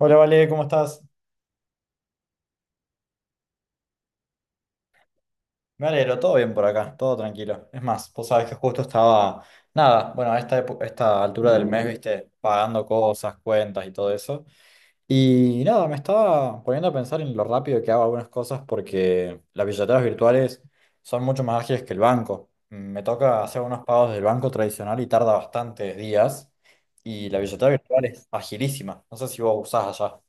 Hola, Vale, ¿cómo estás? Me alegro, todo bien por acá, todo tranquilo. Es más, vos sabés que justo estaba, nada, bueno, a esta altura del mes, viste, pagando cosas, cuentas y todo eso. Y nada, me estaba poniendo a pensar en lo rápido que hago algunas cosas porque las billeteras virtuales son mucho más ágiles que el banco. Me toca hacer unos pagos del banco tradicional y tarda bastantes días. Y la billetera virtual es agilísima. No sé si vos usás allá.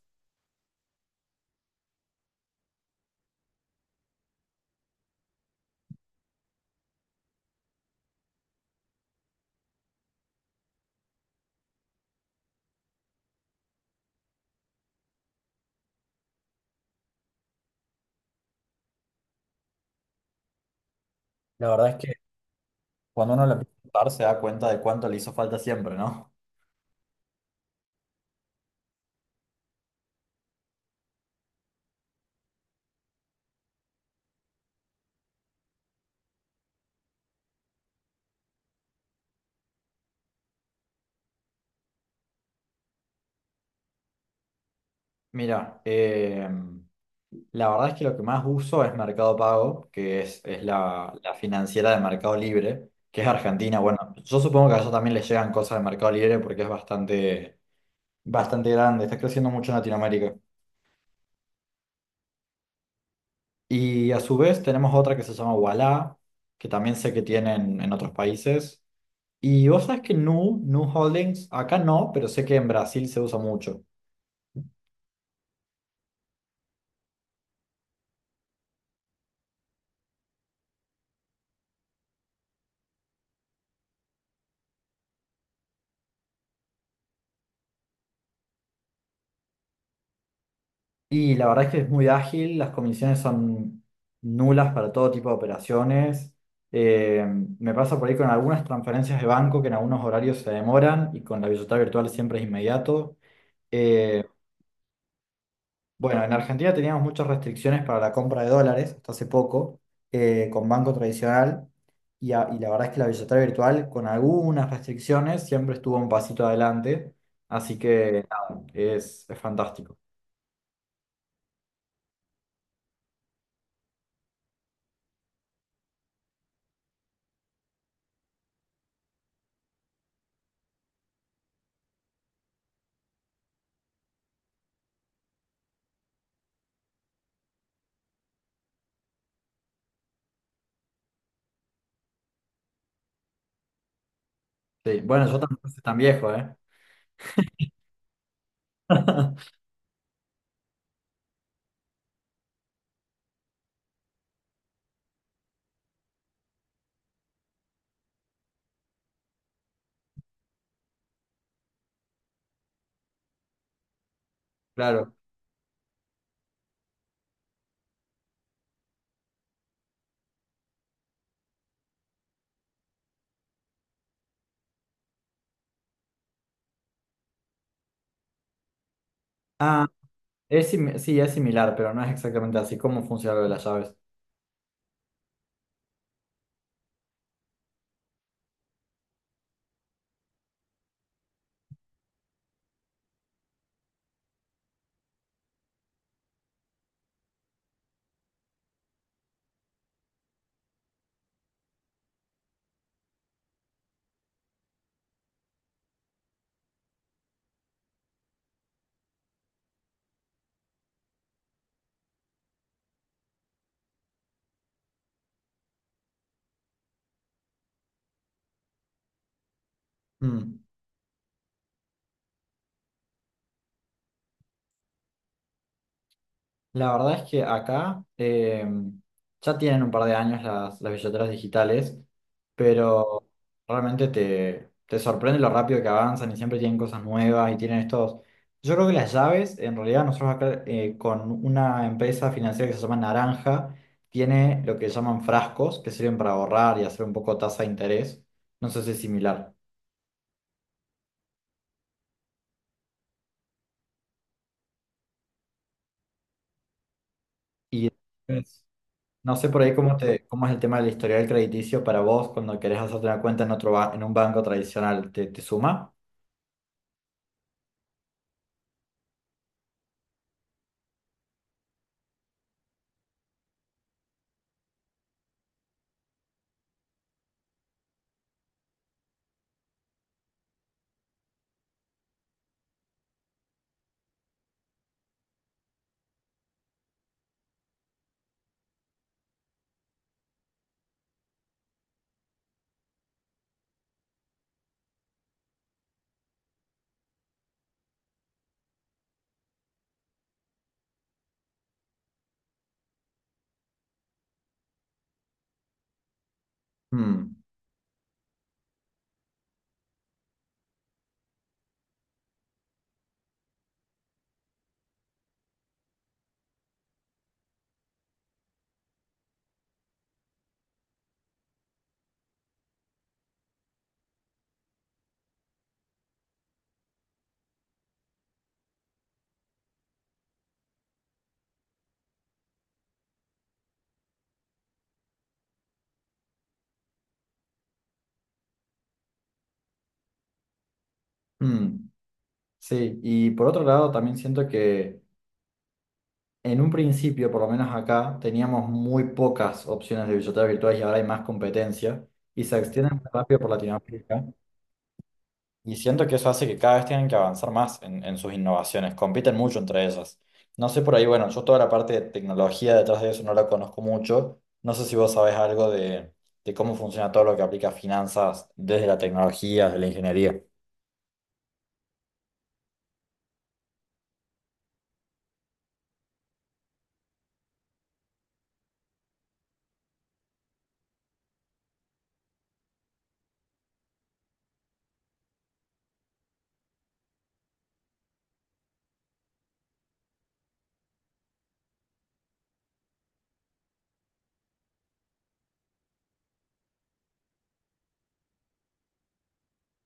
La verdad es que cuando uno la empieza a usar se da cuenta de cuánto le hizo falta siempre, ¿no? Mira, la verdad es que lo que más uso es Mercado Pago, que es la, la financiera de Mercado Libre, que es argentina. Bueno, yo supongo que a eso también le llegan cosas de Mercado Libre porque es bastante, bastante grande, está creciendo mucho en Latinoamérica. Y a su vez tenemos otra que se llama Ualá, que también sé que tienen en otros países. Y vos sabés que Nu Holdings, acá no, pero sé que en Brasil se usa mucho. Y la verdad es que es muy ágil, las comisiones son nulas para todo tipo de operaciones. Eh, Me pasa por ahí con algunas transferencias de banco que en algunos horarios se demoran y con la billetera virtual siempre es inmediato. Eh, bueno, en Argentina teníamos muchas restricciones para la compra de dólares hasta hace poco con banco tradicional y la verdad es que la billetera virtual con algunas restricciones siempre estuvo un pasito adelante. Así que nada, es fantástico. Sí, bueno, yo tampoco soy tan viejo, ¿eh? Claro. Ah, sí, es similar, pero no es exactamente así como funciona lo de las llaves. Mm. La verdad es que acá ya tienen un par de años las billeteras digitales, pero realmente te sorprende lo rápido que avanzan y siempre tienen cosas nuevas y tienen estos... Yo creo que las llaves, en realidad nosotros acá con una empresa financiera que se llama Naranja, tiene lo que llaman frascos, que sirven para ahorrar y hacer un poco tasa de interés. No sé si es similar. Y No sé por ahí cómo es el tema del historial crediticio para vos cuando querés hacerte una cuenta en otro en un banco tradicional, te suma? Mm, mm, sí, y por otro lado también siento que en un principio, por lo menos acá, teníamos muy pocas opciones de billeteras virtuales y ahora hay más competencia y se extienden muy rápido por Latinoamérica. Y siento que eso hace que cada vez tengan que avanzar más en sus innovaciones, compiten mucho entre ellas. No sé por ahí, bueno, yo toda la parte de tecnología detrás de eso no la conozco mucho. No sé si vos sabés algo de cómo funciona todo lo que aplica a finanzas desde la tecnología, desde la ingeniería.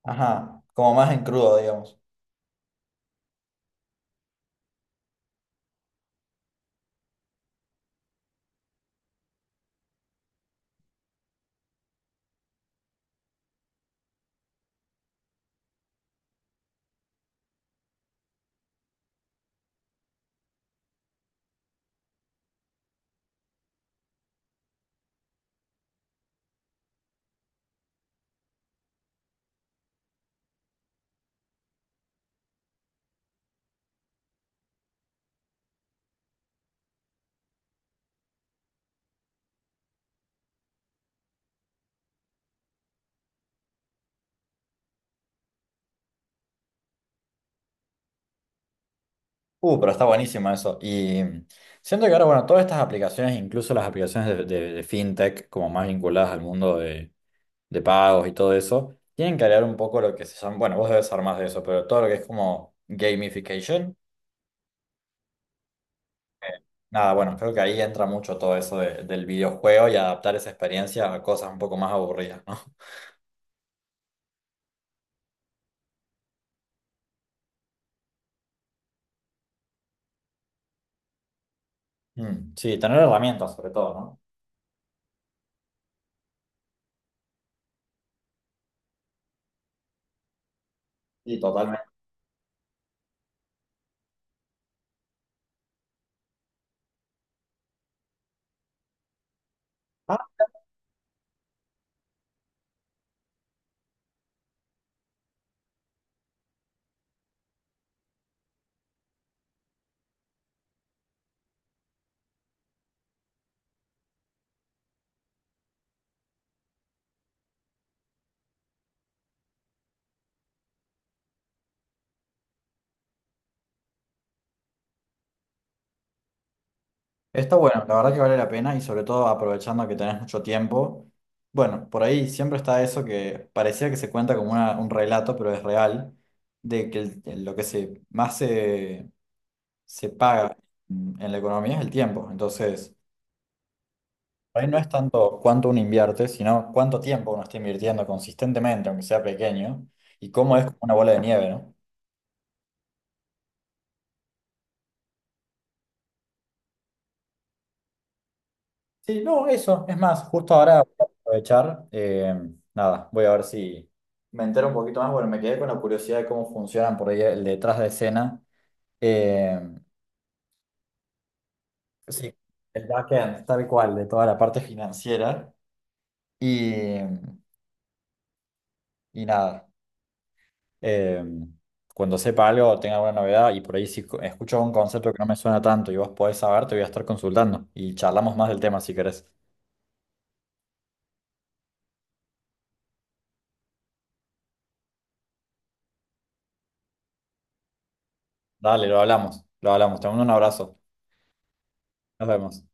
Ajá, como más en crudo, digamos. Pero está buenísimo eso. Y siento que ahora, bueno, todas estas aplicaciones, incluso las aplicaciones de fintech, como más vinculadas al mundo de pagos y todo eso, tienen que crear un poco lo que se llama, bueno, vos debes saber más de eso, pero todo lo que es como gamification. eh, Nada, bueno, creo que ahí entra mucho todo eso del videojuego y adaptar esa experiencia a cosas un poco más aburridas, ¿no? Mm, sí, tener herramientas sobre todo, ¿no? Sí, totalmente. Ah, está bueno, la verdad que vale la pena y sobre todo aprovechando que tenés mucho tiempo. Bueno, por ahí siempre está eso que parecía que se cuenta como un relato, pero es real, de que lo que se más se se paga en la economía es el tiempo. Entonces, por ahí no es tanto cuánto uno invierte, sino cuánto tiempo uno está invirtiendo consistentemente, aunque sea pequeño, y cómo es como una bola de nieve, ¿no? Sí, no, eso. Es más, justo ahora voy a aprovechar. Nada, voy a ver si me entero un poquito más. Bueno, me quedé con la curiosidad de cómo funcionan por ahí el detrás de escena. eh, sí, el backend, tal cual, de toda la parte financiera. Y, y nada. eh, Cuando sepa algo o tenga alguna novedad y por ahí si escucho un concepto que no me suena tanto y vos podés saber, te voy a estar consultando y charlamos más del tema si querés. Dale, lo hablamos, lo hablamos. Te mando un abrazo. Nos vemos.